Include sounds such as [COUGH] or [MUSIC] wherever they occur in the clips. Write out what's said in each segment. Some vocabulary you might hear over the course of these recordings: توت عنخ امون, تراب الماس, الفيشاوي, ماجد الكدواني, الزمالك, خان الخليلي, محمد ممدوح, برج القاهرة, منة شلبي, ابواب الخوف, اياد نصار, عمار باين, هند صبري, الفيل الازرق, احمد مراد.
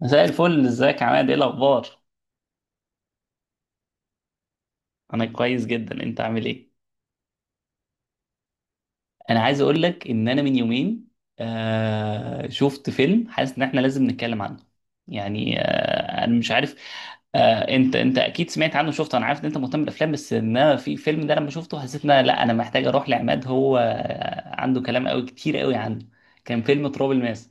مساء الفل، ازيك يا عماد؟ ايه الاخبار؟ انا كويس جدا. انت عامل ايه؟ انا عايز اقول لك ان انا من يومين شفت فيلم، حاسس ان احنا لازم نتكلم عنه. يعني، انا مش عارف. انت اكيد سمعت عنه، شفته. انا عارف ان انت مهتم بالافلام، بس ان انا في فيلم ده لما شفته حسيت ان لا، انا محتاج اروح لعماد. هو عنده كلام قوي، كتير قوي عنه. كان فيلم تراب الماس.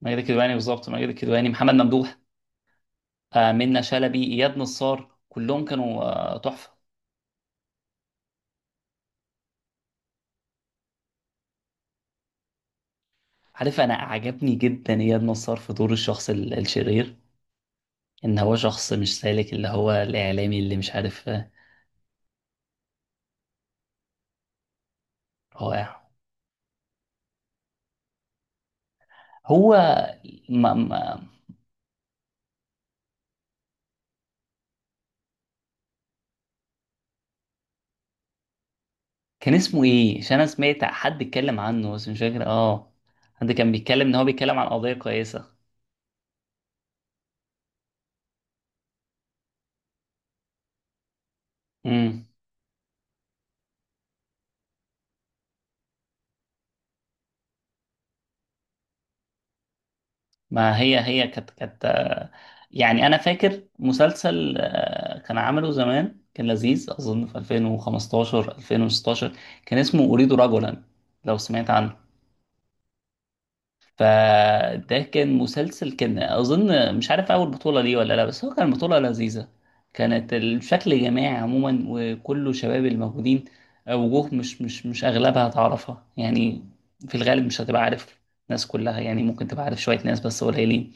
ماجد الكدواني بالظبط. ماجد الكدواني، محمد ممدوح. منة شلبي، اياد نصار، كلهم كانوا تحفة. عارف، انا عجبني جدا اياد نصار في دور الشخص الشرير. ان هو شخص مش سالك، اللي هو الاعلامي اللي مش عارف. رائع. هو ما كان اسمه ايه؟ عشان انا سمعت حد اتكلم عنه بس مش فاكر. اه. حد كان بيتكلم ان هو بيتكلم عن قضية كويسة. امم. ما هي كانت. يعني، انا فاكر مسلسل كان عمله زمان، كان لذيذ، اظن في 2015 2016. كان اسمه اريد رجلا، لو سمعت عنه. فده كان مسلسل، كان اظن مش عارف اول بطولة ليه ولا لا، بس هو كان بطولة لذيذة. كانت الشكل جماعي عموما، وكله شباب الموجودين. وجوه مش اغلبها تعرفها، يعني. في الغالب مش هتبقى عارف. ناس كلها، يعني ممكن تبقى عارف شوية ناس بس قليلين.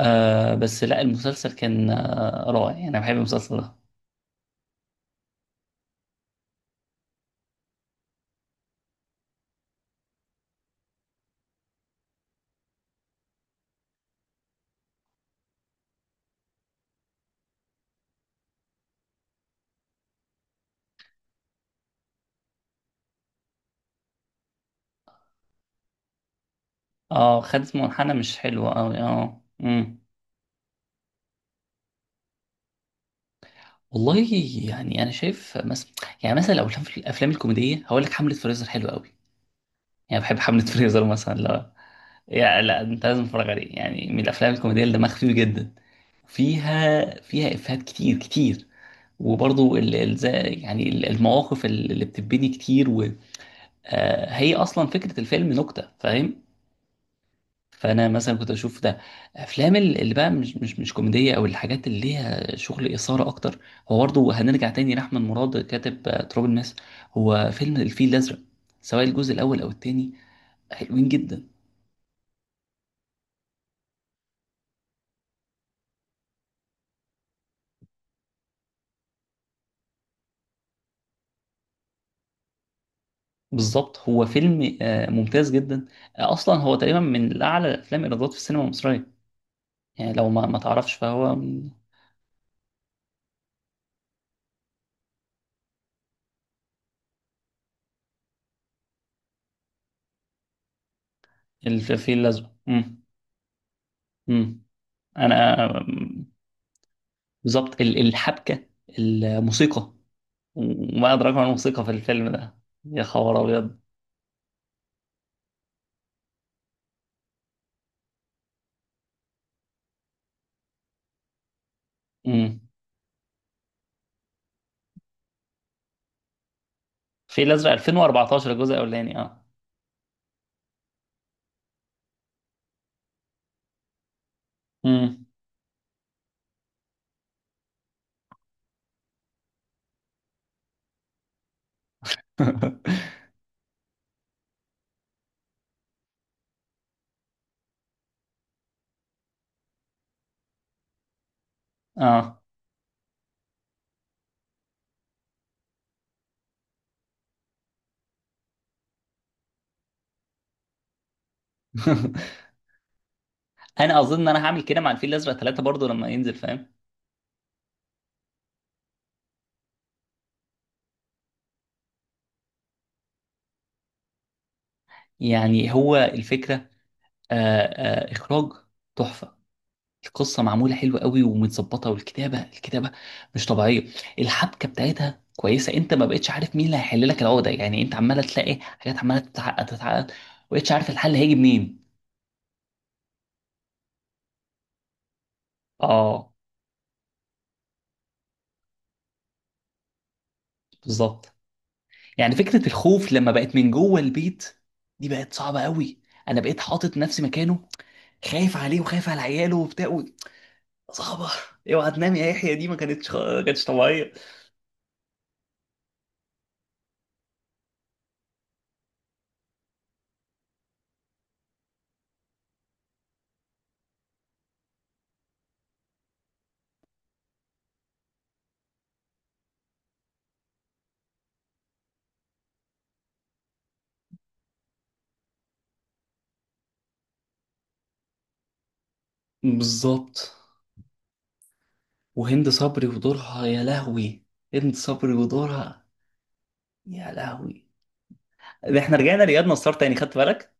بس لا، المسلسل كان رائع، يعني انا بحب المسلسل ده. اه، خدت منحنى مش حلو قوي. اه. امم. والله، يعني انا شايف مثلا. يعني مثلا لو الافلام الأفلام الكوميديه، هقول لك حمله فريزر حلوه قوي. يعني بحب حملة فريزر مثلا. لا. يا، لا، انت لازم تتفرج عليه، يعني من الافلام الكوميديه اللي دمها خفيف جدا. فيها افيهات كتير كتير. وبرضو ال... ال... زي- يعني المواقف اللي بتبني كتير. هي اصلا فكره الفيلم نكته، فاهم؟ فانا مثلا كنت اشوف ده. افلام اللي بقى مش كوميديه، او الحاجات اللي ليها شغل اثاره اكتر. هو برضو هنرجع تاني لاحمد مراد، كاتب تراب الماس. هو فيلم الفيل الازرق، سواء الجزء الاول او التاني. حلوين جدا. بالظبط، هو فيلم ممتاز جدا. اصلا هو تقريبا من اعلى الافلام ايرادات في السينما المصريه. يعني لو ما تعرفش، فهو من... الفيل الازرق. امم. امم. انا آم، بالظبط. الحبكه. الموسيقى. وما ادراك ما الموسيقى في الفيلم ده! يا خبر ابيض! امم. الفيل الازرق 2014، الجزء الاولاني. اه. امم. [LAUGHS] اه. [LAUGHS] انا اظن ان انا هعمل كده مع الفيل الازرق ثلاثة برضو لما ينزل، فاهم؟ يعني هو الفكره. آه، اخراج تحفه. القصه معموله حلوه قوي ومتظبطه، والكتابه مش طبيعيه. الحبكه بتاعتها كويسه، انت ما بقتش عارف مين اللي هيحل لك العقده. يعني انت عماله تلاقي حاجات عماله تتعقد تتعقد، ما بقتش عارف الحل هيجي منين. اه. بالظبط. يعني فكره الخوف لما بقت من جوه البيت، دي بقت صعبه قوي. انا بقيت حاطط نفسي مكانه، خايف عليه وخايف على عياله وبتاع صعبه. اوعى تنام يا يحيى، دي ما كانتش طبيعيه. بالظبط. وهند صبري ودورها، يا لهوي! هند صبري ودورها، يا لهوي! ده احنا رجعنا لإياد نصار تاني، خدت بالك؟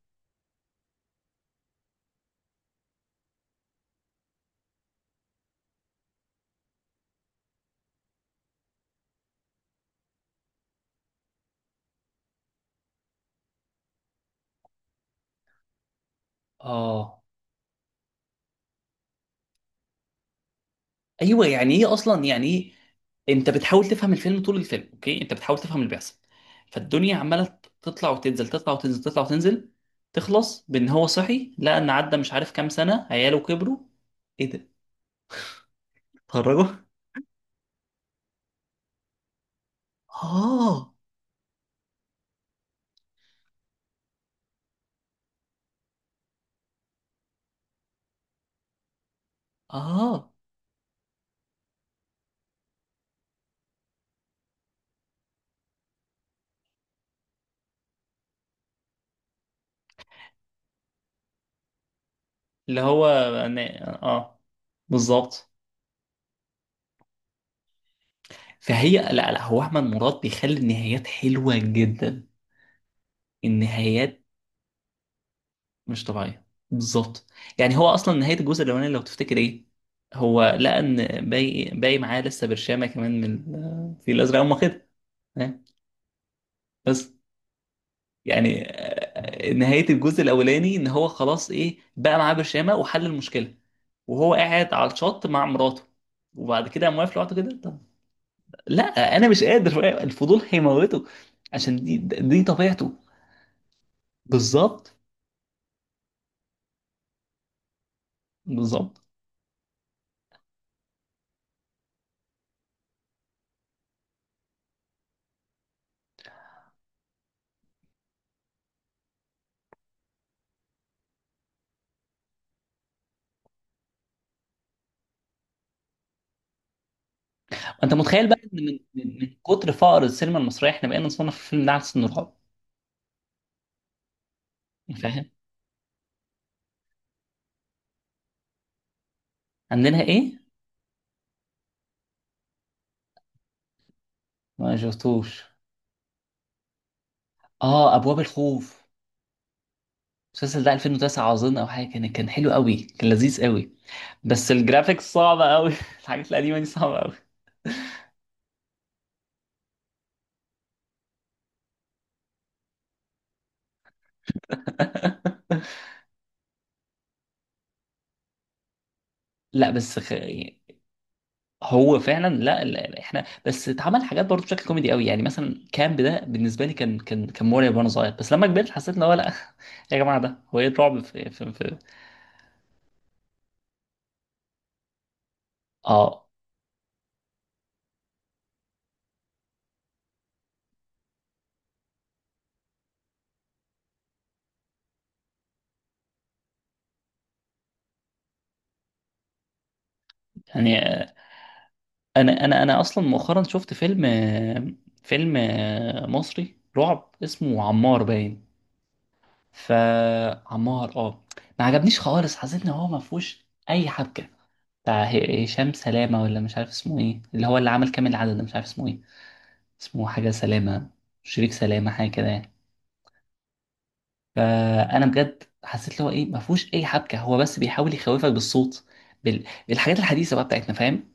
اه. ايوه، يعني ايه اصلا؟ يعني ايه؟ انت بتحاول تفهم الفيلم طول الفيلم، اوكي، انت بتحاول تفهم اللي بيحصل. فالدنيا عماله تطلع وتنزل، تطلع وتنزل، تطلع وتنزل. تخلص بان هو صحي، لقى ان عدى مش عارف كام سنه، عياله كبروا. ايه ده؟ اتخرجوا. اه. اه. اللي هو اه. بالظبط. فهي... لا، لا، هو احمد مراد بيخلي النهايات حلوه جدا. النهايات مش طبيعيه. بالظبط. يعني هو اصلا، نهايه الجزء الاولاني لو تفتكر ايه؟ هو لقى ان باقي معاه لسه برشامه كمان من الفيل الازرق. هم كده. ها؟ بس. يعني نهايه الجزء الاولاني ان هو خلاص، ايه، بقى معاه برشامه وحل المشكله، وهو قاعد على الشط مع مراته. وبعد كده قام واقف لوحده كده. طب. لا. انا مش قادر، الفضول هيموته. عشان دي طبيعته. بالظبط. بالظبط. انت متخيل بقى ان من كتر فقر السينما المصريه، احنا بقينا نصنف الفيلم ده على سن رعب؟ فاهم. عندنا ايه؟ ما شفتوش. اه، ابواب الخوف. المسلسل ده 2009 اظن، او حاجه، كان حلو قوي، كان لذيذ قوي. بس الجرافيكس صعبه قوي. [LAUGHS] الحاجات القديمه دي صعبه قوي. [LAUGHS] لا، بس هو فعلا. لا، لا، احنا بس اتعمل حاجات برضه بشكل كوميدي قوي، يعني مثلا كامب ده بالنسبه لي كان مرعب وانا صغير، بس لما كبرت حسيت ان هو لا. [LAUGHS] يا جماعه، ده هو ايه الرعب في؟ اه. يعني انا اصلا مؤخرا شفت فيلم فيلم مصري رعب، اسمه عمار، باين. فعمار، اه، ما عجبنيش خالص. حسيت ان هو ما فيهوش اي حبكه. بتاع هشام سلامه، ولا مش عارف اسمه ايه، اللي هو اللي عمل كامل العدد ده، مش عارف اسمه ايه. اسمه حاجة سلامة، شريك سلامة، حاجة كده يعني. فأنا بجد حسيت اللي هو، إيه، ما فيهوش أي حبكة. هو بس بيحاول يخوفك بالصوت، بالحاجات الحديثة بقى بتاعتنا، فاهم؟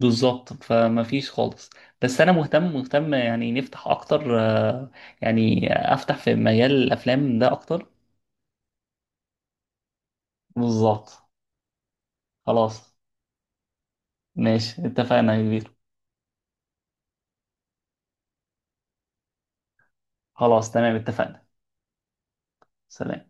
بالظبط. فما فيش خالص. بس أنا مهتم مهتم، يعني نفتح أكتر يعني، أفتح في مجال الأفلام ده أكتر. بالظبط. خلاص. ماشي، اتفقنا يا كبير. خلاص، تمام، اتفقنا. سلام.